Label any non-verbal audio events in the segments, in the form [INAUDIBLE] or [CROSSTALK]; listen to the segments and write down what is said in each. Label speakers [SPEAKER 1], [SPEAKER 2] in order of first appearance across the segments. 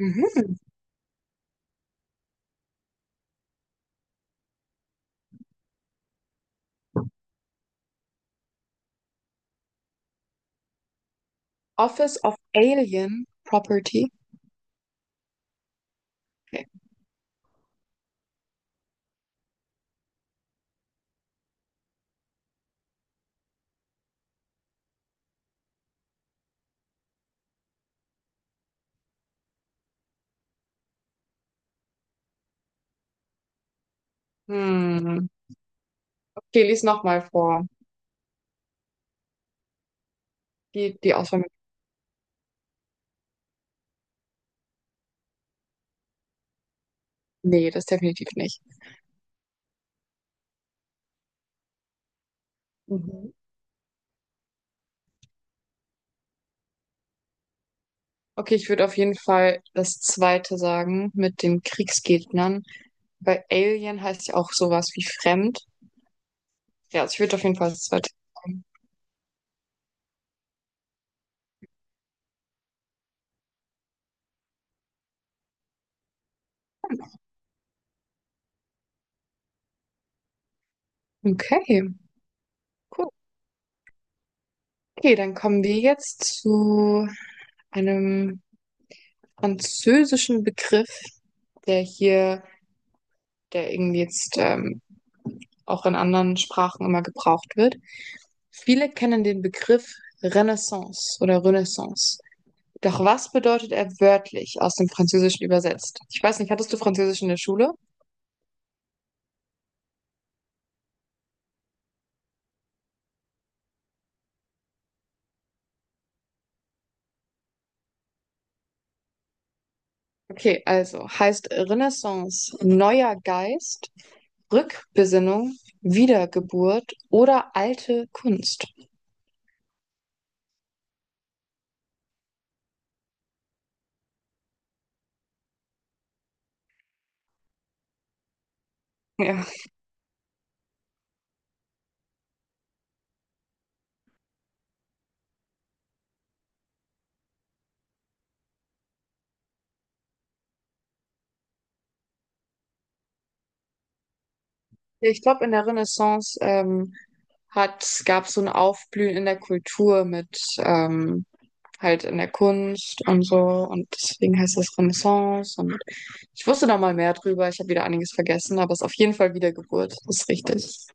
[SPEAKER 1] Mhm. Office of Alien Property. Okay. Hm. Okay, lies nochmal vor. Die Auswahl. Nee, das definitiv nicht. Mhm. Okay, ich würde auf jeden Fall das zweite sagen mit den Kriegsgegnern. Bei Alien heißt ja auch sowas wie fremd. Ja, also ich würde auf jeden Fall das zweite sagen. Okay, cool. Okay, dann kommen wir jetzt zu einem französischen Begriff, der hier, der irgendwie jetzt auch in anderen Sprachen immer gebraucht wird. Viele kennen den Begriff Renaissance oder Renaissance. Doch was bedeutet er wörtlich aus dem Französischen übersetzt? Ich weiß nicht, hattest du Französisch in der Schule? Okay, also heißt Renaissance neuer Geist, Rückbesinnung, Wiedergeburt oder alte Kunst. Ja, ich glaube, in der Renaissance hat, gab so ein Aufblühen in der Kultur mit halt in der Kunst und so. Und deswegen heißt das Renaissance. Und ich wusste da mal mehr drüber. Ich habe wieder einiges vergessen, aber es ist auf jeden Fall Wiedergeburt. Das ist richtig.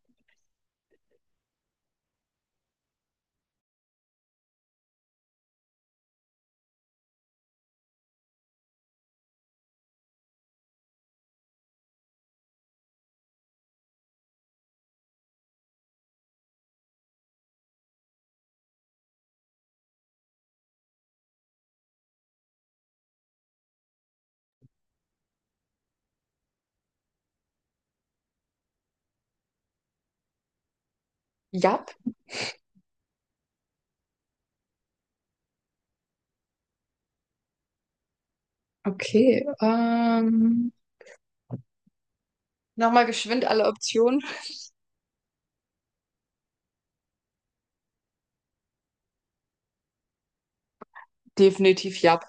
[SPEAKER 1] Jap. Okay. Nochmal geschwind alle Optionen. Definitiv Jap.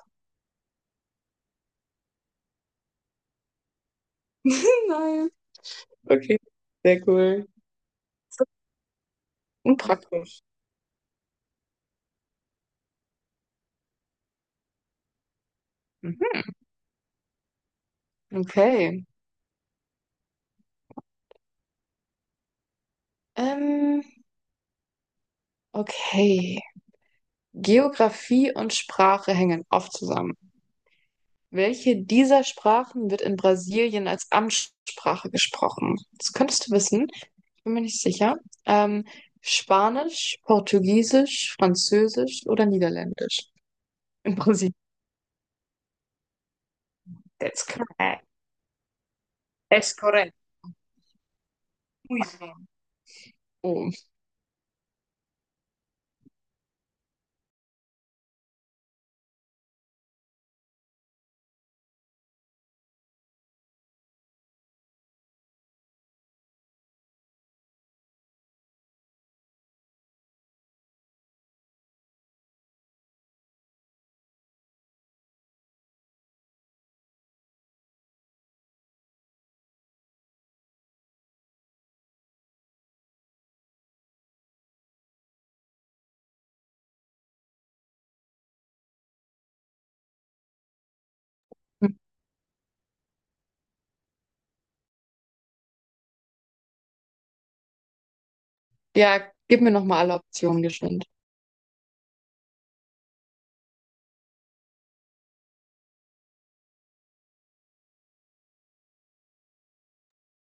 [SPEAKER 1] [LAUGHS] Nein. Okay. Sehr cool. Und praktisch. Mhm. Okay. Ähm, okay. Geografie und Sprache hängen oft zusammen. Welche dieser Sprachen wird in Brasilien als Amtssprache gesprochen? Das könntest du wissen, bin mir nicht sicher. Ähm, Spanisch, Portugiesisch, Französisch oder Niederländisch? In Brasilien. That's correct. That's correct. Muy. Oh. [LAUGHS] Ja, gib mir nochmal alle Optionen geschwind.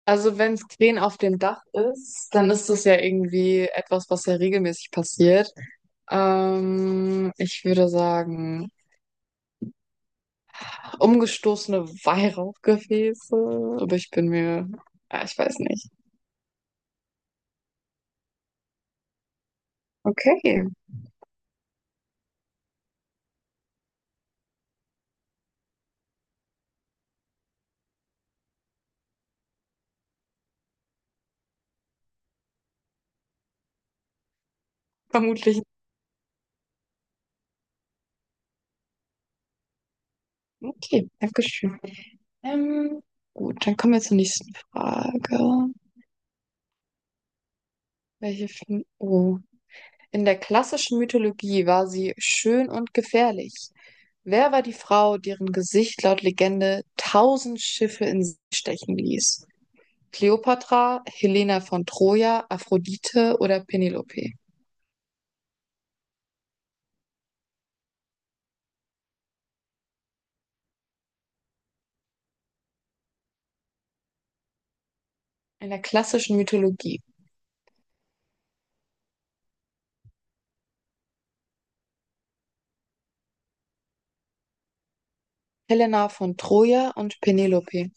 [SPEAKER 1] Also wenn es Krähen auf dem Dach ist, dann ist das ja irgendwie etwas, was ja regelmäßig passiert. Ich würde sagen umgestoßene Weihrauchgefäße, aber ich bin mir, ah, ich weiß nicht. Okay, vermutlich. Okay, Dankeschön. Ähm, gut, dann kommen wir zur nächsten Frage. Welche Film? Oh. In der klassischen Mythologie war sie schön und gefährlich. Wer war die Frau, deren Gesicht laut Legende 1.000 Schiffe in See stechen ließ? Kleopatra, Helena von Troja, Aphrodite oder Penelope? In der klassischen Mythologie. Helena von Troja und Penelope.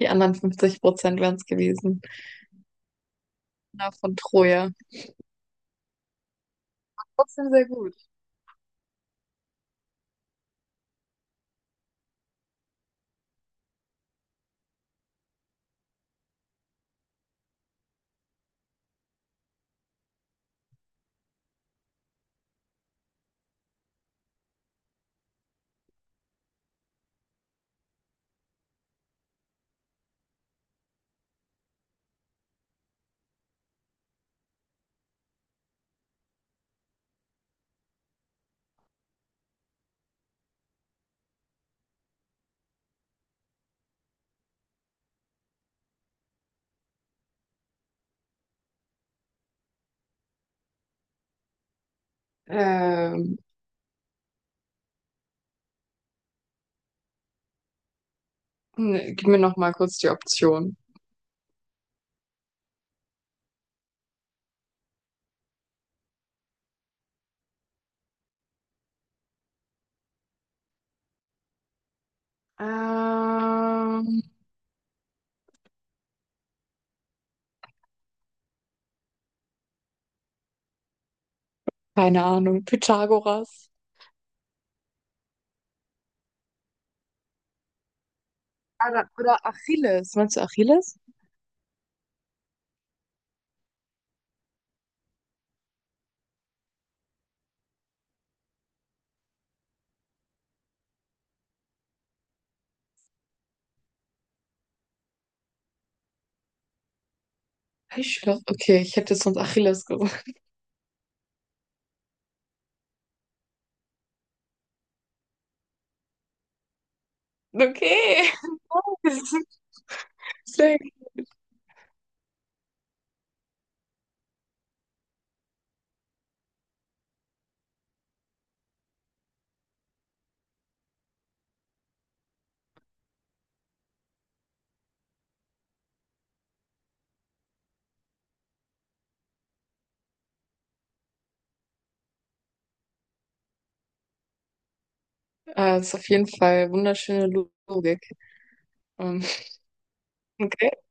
[SPEAKER 1] Die anderen 50% wären es gewesen. Helena von Troja. Trotzdem sehr gut. Ähm, ne, gib mir noch mal kurz die Option. Ähm, keine Ahnung. Pythagoras. Oder Achilles. Meinst du Achilles? Heißsporn? Okay, ich hätte sonst Achilles gesagt. Okay. [LAUGHS] Deswegen. Ah, ist auf jeden Fall wunderschöne Logik. Ähm, okay.